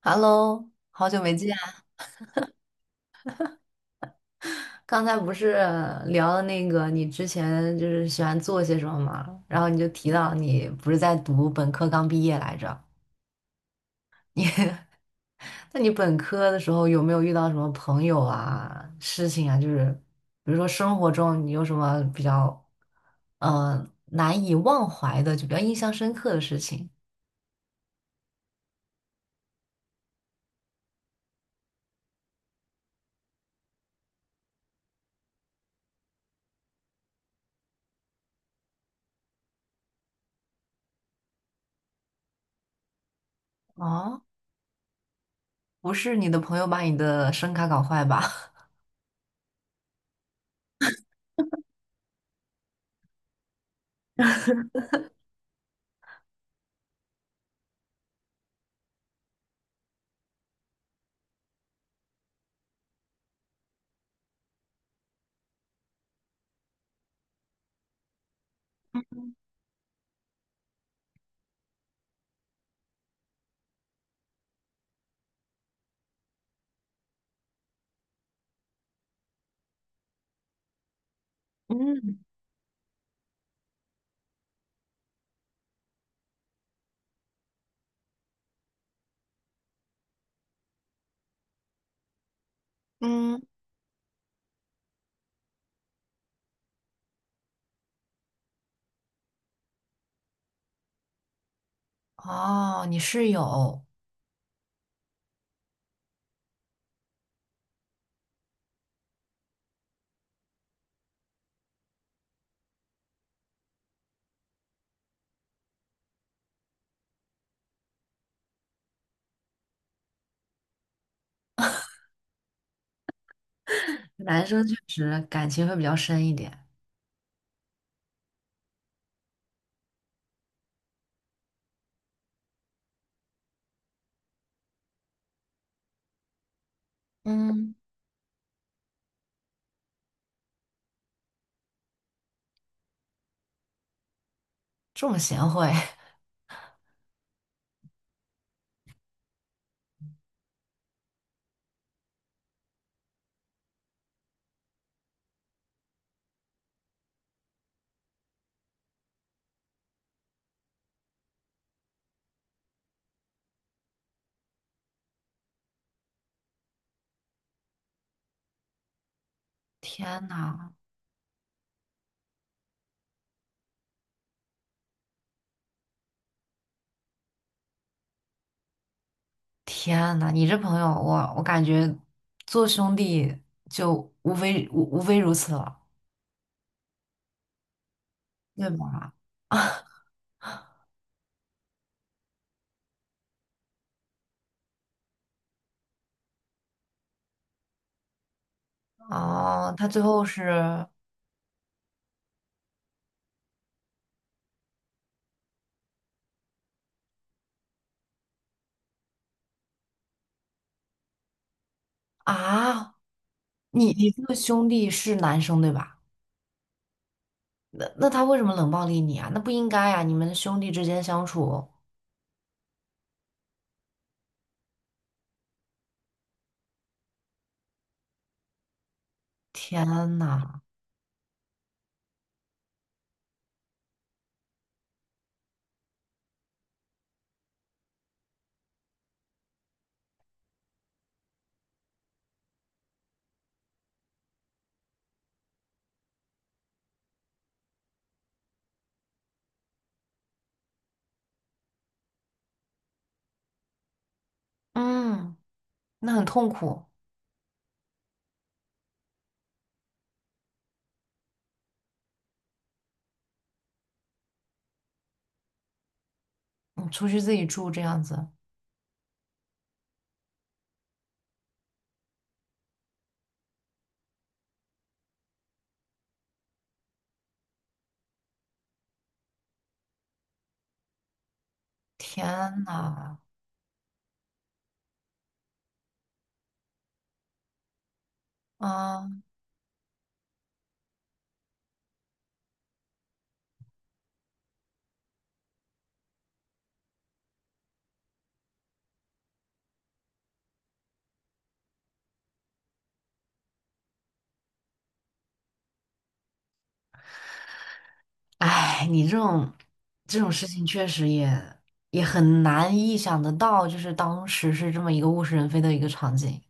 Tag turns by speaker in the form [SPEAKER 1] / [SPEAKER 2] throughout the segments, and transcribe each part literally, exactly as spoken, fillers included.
[SPEAKER 1] Hello，好久没见啊。刚才不是聊了那个你之前就是喜欢做些什么吗？然后你就提到你不是在读本科刚毕业来着？那你本科的时候有没有遇到什么朋友啊、事情啊？就是比如说生活中你有什么比较呃难以忘怀的，就比较印象深刻的事情？哦，不是你的朋友把你的声卡搞坏吧？嗯嗯，哦，你室友。男生确实感情会比较深一点，嗯，这么贤惠，天呐，天呐，你这朋友，我我感觉做兄弟就无非无无非如此了，对吧？哦，他最后是啊，你你这个兄弟是男生对吧？那那他为什么冷暴力你啊？那不应该啊，你们兄弟之间相处，天呐，嗯，那很痛苦，你出去自己住这样子，天呐，啊。哎，你这种这种事情确实也也很难意想得到，就是当时是这么一个物是人非的一个场景。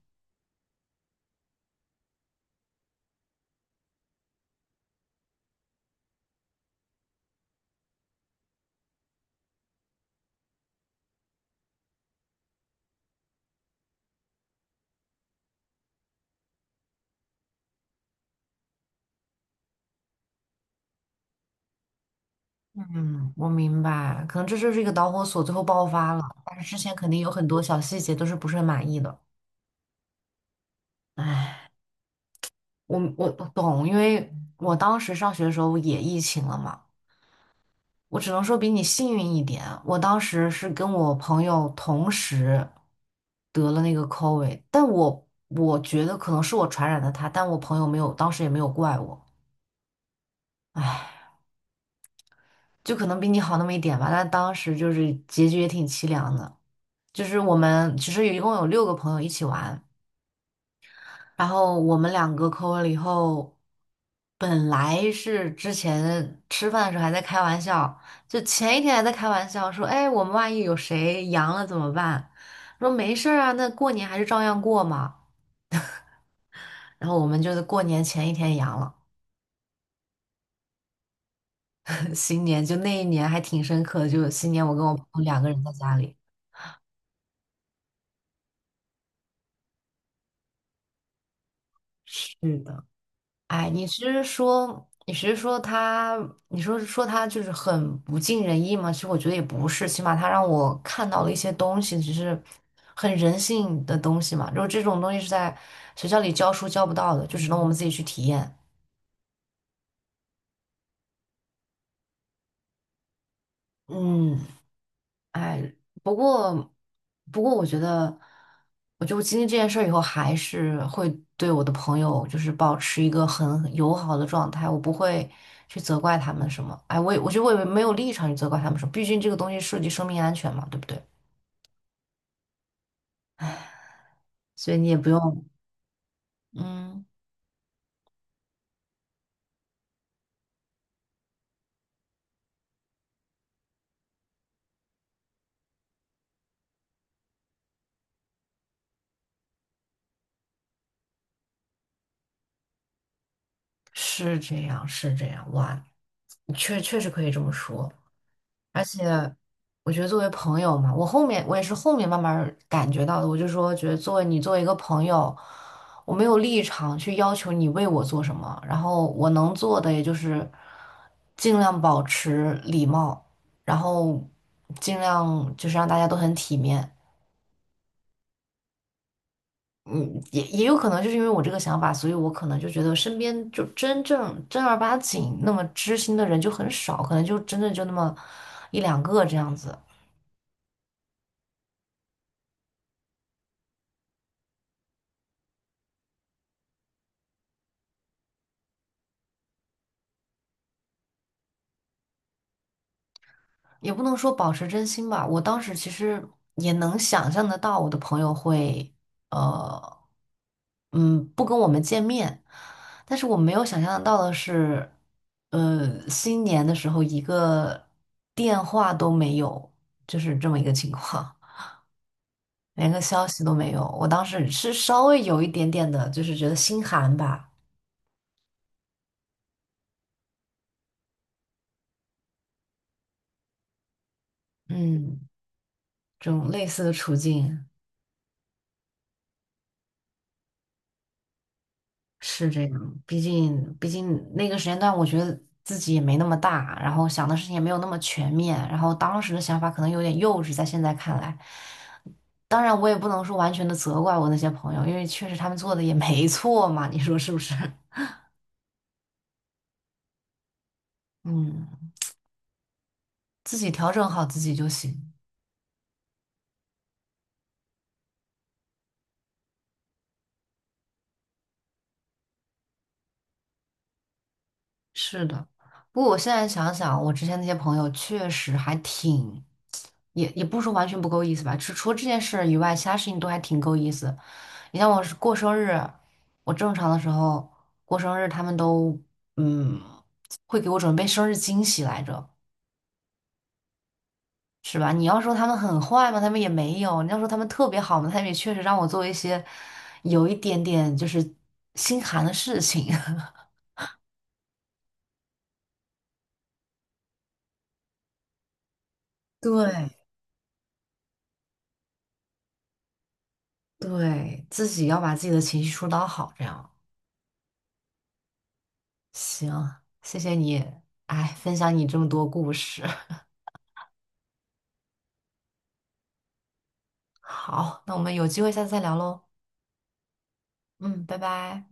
[SPEAKER 1] 嗯，我明白，可能这就是一个导火索，最后爆发了。但是之前肯定有很多小细节都是不是很满意的。哎，我我我懂，因为我当时上学的时候也疫情了嘛。我只能说比你幸运一点。我当时是跟我朋友同时得了那个 C O V I D，但我我觉得可能是我传染的他，但我朋友没有，当时也没有怪我。唉，就可能比你好那么一点吧，但当时就是结局也挺凄凉的。就是我们其实一共有六个朋友一起玩，然后我们两个抠完了以后，本来是之前吃饭的时候还在开玩笑，就前一天还在开玩笑说，哎，我们万一有谁阳了怎么办？说没事儿啊，那过年还是照样过嘛。然后我们就是过年前一天阳了，新年就那一年还挺深刻的，就新年我跟我朋友两个人在家里。是的。哎，你是说你是说他，你说说他就是很不尽人意吗？其实我觉得也不是，起码他让我看到了一些东西，只是很人性的东西嘛。就是这种东西是在学校里教书教不到的，就只能我们自己去体验。嗯，不过，不过我觉得，我就经历这件事儿以后，还是会对我的朋友就是保持一个很友好的状态，我不会去责怪他们什么。哎，我也我觉得我也没有立场去责怪他们什么，毕竟这个东西涉及生命安全嘛，对不对？所以你也不用，嗯，是这样，是这样，哇，确确实可以这么说。而且我觉得作为朋友嘛，我后面我也是后面慢慢儿感觉到的，我就说觉得作为你作为一个朋友，我没有立场去要求你为我做什么，然后我能做的也就是尽量保持礼貌，然后尽量就是让大家都很体面。嗯，也也有可能就是因为我这个想法，所以我可能就觉得身边就真正正儿八经那么知心的人就很少，可能就真的就那么一两个这样子。也不能说保持真心吧，我当时其实也能想象得到我的朋友会，呃，嗯，不跟我们见面，但是我没有想象得到的是，呃，新年的时候一个电话都没有，就是这么一个情况，连个消息都没有。我当时是稍微有一点点的，就是觉得心寒吧，嗯，这种类似的处境。是这样，毕竟毕竟那个时间段，我觉得自己也没那么大，然后想的事情也没有那么全面，然后当时的想法可能有点幼稚，在现在看来，当然我也不能说完全的责怪我那些朋友，因为确实他们做的也没错嘛，你说是不是？嗯，自己调整好自己就行。是的，不过我现在想想，我之前那些朋友确实还挺，也也不说完全不够意思吧，除除了这件事以外，其他事情都还挺够意思。你像我是过生日，我正常的时候过生日，他们都嗯会给我准备生日惊喜来着，是吧？你要说他们很坏嘛，他们也没有；你要说他们特别好嘛，他们也确实让我做一些有一点点就是心寒的事情。对，对，自己要把自己的情绪疏导好，这样行。谢谢你，哎，分享你这么多故事。好，那我们有机会下次再聊喽。嗯，拜拜。